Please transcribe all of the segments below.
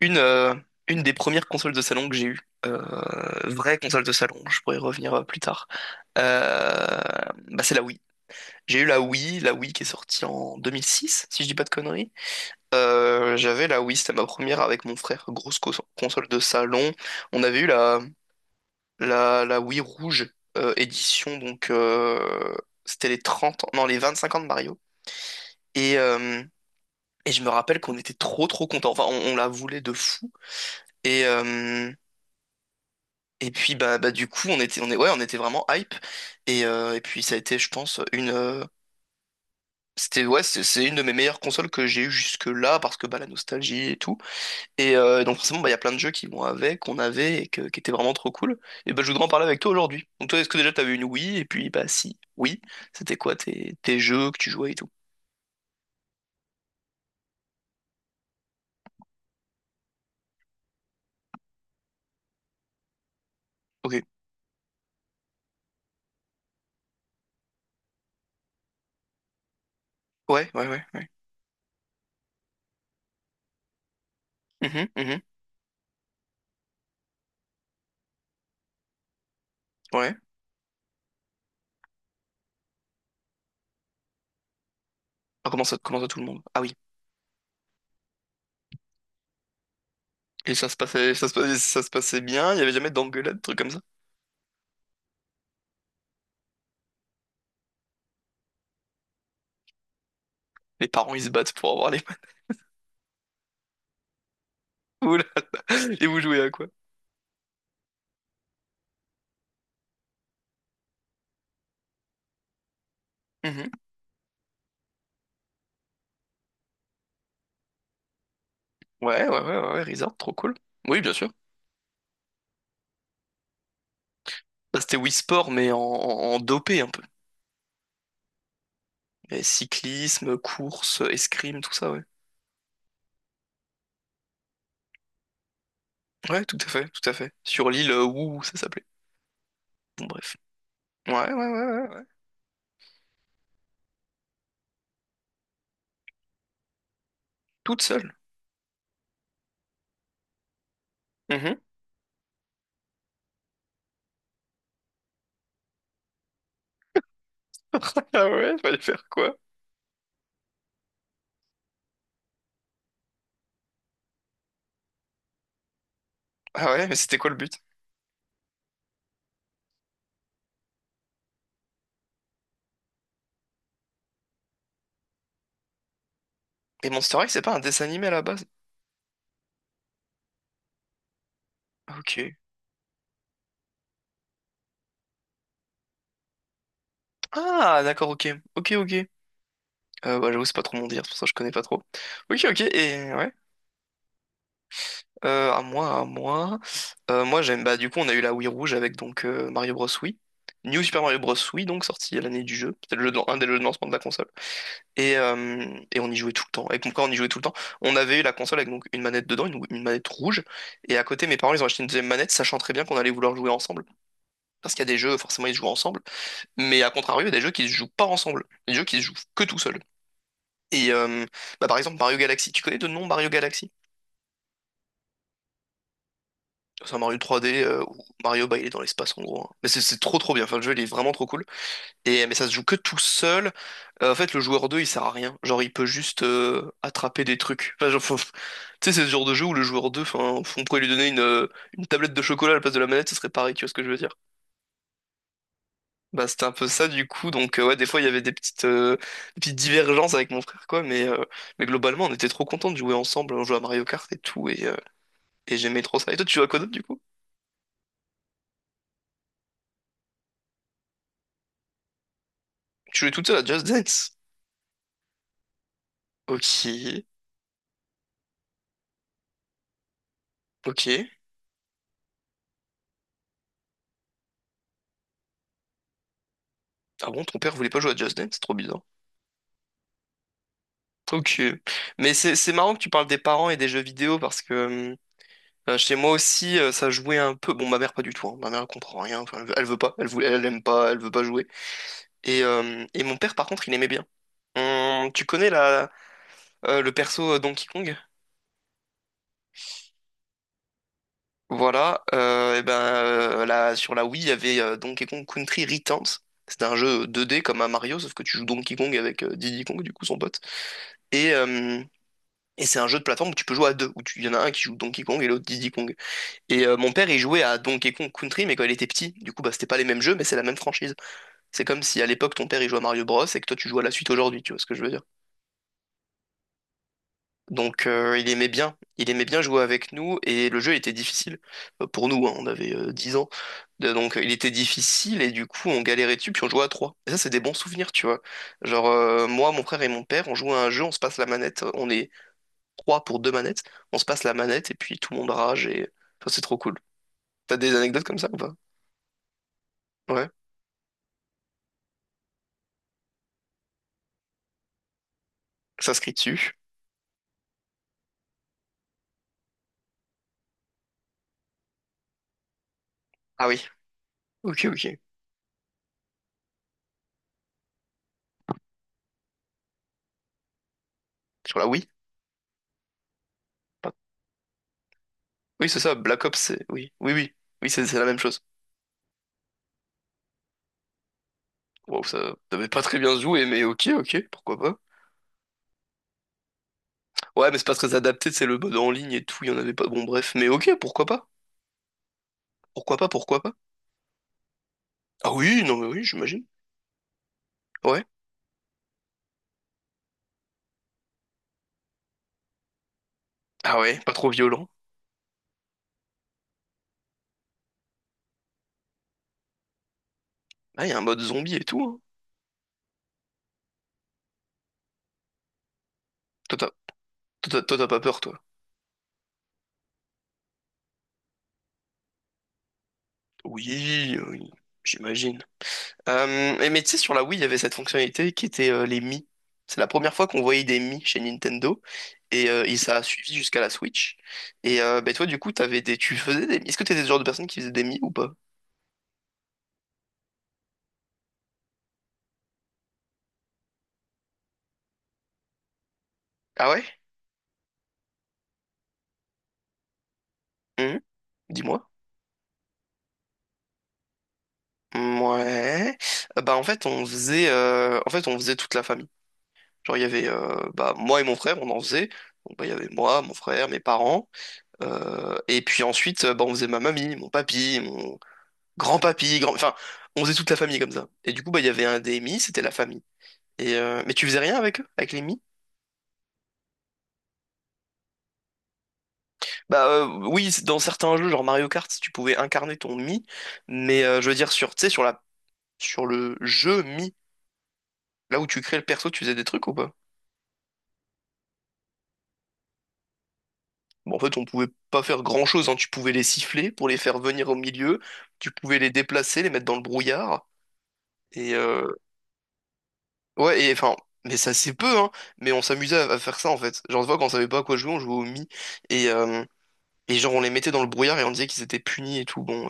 Une, euh, une des premières consoles de salon que j'ai eues, euh, vraie console de salon, je pourrais y revenir plus tard, euh, bah c'est la Wii. J'ai eu la Wii qui est sortie en 2006, si je dis pas de conneries. J'avais la Wii, c'était ma première avec mon frère, grosse console de salon. On avait eu la Wii rouge édition, donc c'était les 30 ans, non, les 25 ans de Mario. Et, euh, et je me rappelle qu'on était trop trop contents, enfin on la voulait de fou. Et, euh, Et puis bah du coup on est, ouais, on était vraiment hype et puis ça a été, je pense, une c'était, ouais, c'est une de mes meilleures consoles que j'ai eues jusque-là parce que bah la nostalgie et tout donc forcément bah il y a plein de jeux qui vont avec qu'on avait et qui étaient vraiment trop cool, et bah je voudrais en parler avec toi aujourd'hui. Donc toi, est-ce que déjà t'avais une Wii? Et puis bah, si oui, c'était quoi tes jeux que tu jouais et tout? Ok. Ouais, ouais, ouais, ouais. Mhm, mhm. Ouais. Ah, comment ça, comment ça, tout le monde? Ah oui. Et ça se passait, ça se passait bien? Il y avait jamais d'engueulade, trucs comme ça? Les parents, ils se battent pour avoir les... Oula. Et vous jouez à quoi? Mhm. Ouais, ouais, ouais, ouais, ouais, Rizard, trop cool. Oui, bien sûr. Bah, c'était Wii Sport, mais en dopé un peu. Et cyclisme, course, escrime, tout ça, ouais. Ouais, tout à fait, tout à fait. Sur l'île Wu, ça s'appelait. Bon, bref. Ouais, ouais, ouais, ouais, ouais. Toute seule. Mhm. Ah ouais, fallait faire quoi? Ah ouais, mais c'était quoi le but? Et Monster High, c'est pas un dessin animé à la base? Ok. Ah, d'accord, ok. Ok, ok. Bah, j'avoue, c'est pas trop mon dire, c'est pour ça que je connais pas trop. Ok, ok, et ouais. À moi, à moi. Moi, j'aime. Bah, du coup, on a eu la Wii Rouge avec, donc, Mario Bros. Wii. New Super Mario Bros. Wii, donc sorti à l'année du jeu. C'était le jeu un des jeux de lancement de la console. Et, euh, et on y jouait tout le temps. Avec mon frère, on y jouait tout le temps. On avait eu la console avec, donc, une manette dedans, une manette rouge. Et à côté, mes parents, ils ont acheté une deuxième manette, sachant très bien qu'on allait vouloir jouer ensemble. Parce qu'il y a des jeux, forcément, ils se jouent ensemble. Mais à contrario, il y a des jeux qui se jouent pas ensemble. Des jeux qui se jouent que tout seul. Et euh, Bah, par exemple, Mario Galaxy. Tu connais de nom Mario Galaxy? C'est un Mario 3D où Mario, bah, il est dans l'espace, en gros, hein. Mais c'est trop trop bien. Enfin, le jeu il est vraiment trop cool. Et mais ça se joue que tout seul. En fait, le joueur 2 il sert à rien. Genre, il peut juste attraper des trucs. Enfin, genre, tu sais, c'est ce genre de jeu où le joueur deux, enfin, on pourrait lui donner une tablette de chocolat à la place de la manette, ce serait pareil. Tu vois ce que je veux dire? Bah c'était un peu ça du coup. Donc ouais, des fois il y avait des petites divergences avec mon frère, quoi. Mais globalement on était trop contents de jouer ensemble. On jouait à Mario Kart et tout et j'aimais trop ça. Et toi, tu jouais à quoi d'autre du coup? Tu jouais toute seule à Just Dance? Ok, ok. Ah bon, ton père voulait pas jouer à Just Dance, c'est trop bizarre. Ok. Mais c'est marrant que tu parles des parents et des jeux vidéo parce que chez moi aussi, ça jouait un peu. Bon, ma mère pas du tout, hein. Ma mère, elle comprend rien. Enfin, elle veut pas. Elle voulait, elle aime pas. Elle veut pas jouer. Et mon père, par contre, il aimait bien. Tu connais la le perso Donkey Kong? Voilà. Et ben là sur la Wii il y avait Donkey Kong Country Returns. C'était un jeu 2D comme un Mario, sauf que tu joues Donkey Kong avec Diddy Kong, du coup, son pote. Et euh, Et c'est un jeu de plateforme où tu peux jouer à deux, il y en a un qui joue Donkey Kong et l'autre Diddy Kong. Mon père, il jouait à Donkey Kong Country, mais quand il était petit, du coup, bah, c'était pas les mêmes jeux, mais c'est la même franchise. C'est comme si à l'époque, ton père, il jouait à Mario Bros et que toi, tu joues à la suite aujourd'hui, tu vois ce que je veux dire. Donc, il aimait bien jouer avec nous, et le jeu était difficile. Pour nous, hein, on avait 10 ans. Donc, il était difficile, et du coup, on galérait dessus, puis on jouait à trois. Et ça, c'est des bons souvenirs, tu vois. Genre, moi, mon frère et mon père, on jouait à un jeu, on se passe la manette, on est trois pour deux manettes. On se passe la manette et puis tout le monde rage, et ça, c'est trop cool. T'as des anecdotes comme ça ou pas? Ouais. Ça se s'inscrit dessus. Ah oui. Ok, ok. Sur la, oui. Oui, c'est ça. Black Ops, c'est. Oui, oui, oui. Oui, c'est la même chose. Wow, ça devait pas très bien se jouer, mais ok, ok, pourquoi pas. Ouais, mais c'est pas très adapté, c'est le mode en ligne et tout, il y en avait pas. Bon, bref, mais ok, pourquoi pas. Pourquoi pas, pourquoi pas. Ah oui, non, mais oui, j'imagine. Ouais. Ah ouais, pas trop violent. Ah, il y a un mode zombie et tout, hein. Toi, t'as Toi, t'as pas peur, toi. Oui, oui, j'imagine. Et mais tu sais, sur la Wii, il y avait cette fonctionnalité qui était les Mi. C'est la première fois qu'on voyait des Mi chez Nintendo. Et ça a suivi jusqu'à la Switch. Ben toi, du coup, tu faisais des Mi. Est-ce que t'étais le genre de personne qui faisait des Mi ou pas? Ah ouais? Mhm. Dis-moi. Ouais. Bah, en fait, on faisait en fait on faisait toute la famille. Genre, il y avait bah moi et mon frère on en faisait. Donc bah il y avait moi, mon frère, mes parents. Et puis ensuite bah on faisait ma mamie, mon papy, grand-papy, enfin, on faisait toute la famille comme ça. Et du coup, bah, il y avait un DMI, c'était la famille. Mais tu faisais rien avec eux, avec les Mi? Bah, oui, dans certains jeux, genre Mario Kart, tu pouvais incarner ton Mi, mais je veux dire, sur, tu sais, sur le jeu Mi, là où tu crées le perso, tu faisais des trucs ou pas? Bon, en fait, on pouvait pas faire grand-chose, hein. Tu pouvais les siffler pour les faire venir au milieu, tu pouvais les déplacer, les mettre dans le brouillard, et... euh, Ouais, et enfin... Mais ça, c'est peu, hein. Mais on s'amusait à faire ça, en fait. Genre, des fois, quand on savait pas à quoi jouer, on jouait au Mi. Et, euh, Et genre, on les mettait dans le brouillard et on disait qu'ils étaient punis et tout. Bon, euh,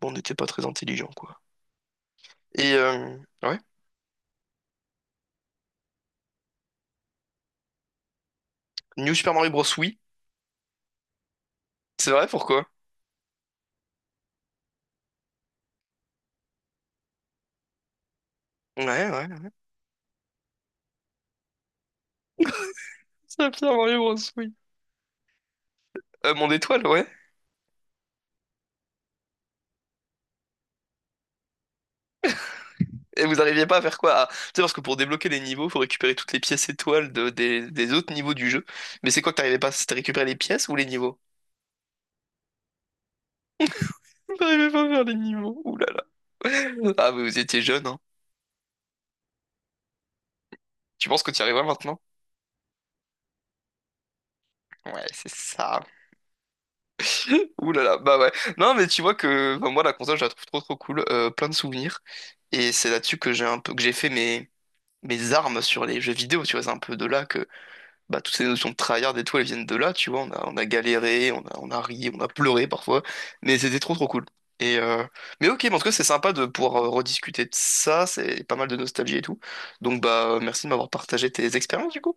bon, on n'était pas très intelligents, quoi. Et, euh, ouais. New Super Mario Bros. Oui. C'est vrai, pourquoi? Ouais, ouais. Super Mario Bros. Oui. Mon étoile, ouais. Et vous arriviez pas à faire quoi? Ah, tu sais, parce que pour débloquer les niveaux, faut récupérer toutes les pièces étoiles des autres niveaux du jeu. Mais c'est quoi que t'arrivais pas? C'était récupérer les pièces ou les niveaux? J'arrivais pas à faire les niveaux. Ouh là là. Ah, mais vous étiez jeune, hein. Tu penses que tu y arriveras maintenant? Ouais, c'est ça. Ouh là là, bah ouais. Non, mais tu vois, que enfin, moi la console, je la trouve trop trop cool, plein de souvenirs. Et c'est là-dessus que j'ai un peu que j'ai fait mes armes sur les jeux vidéo, tu vois, c'est un peu de là que bah toutes ces notions de tryhard et tout, elles viennent de là, tu vois. On a galéré, on a ri, on a pleuré parfois, mais c'était trop trop cool. Et euh, mais ok, mais en tout cas, c'est sympa de pouvoir rediscuter de ça, c'est pas mal de nostalgie et tout. Donc bah merci de m'avoir partagé tes expériences du coup.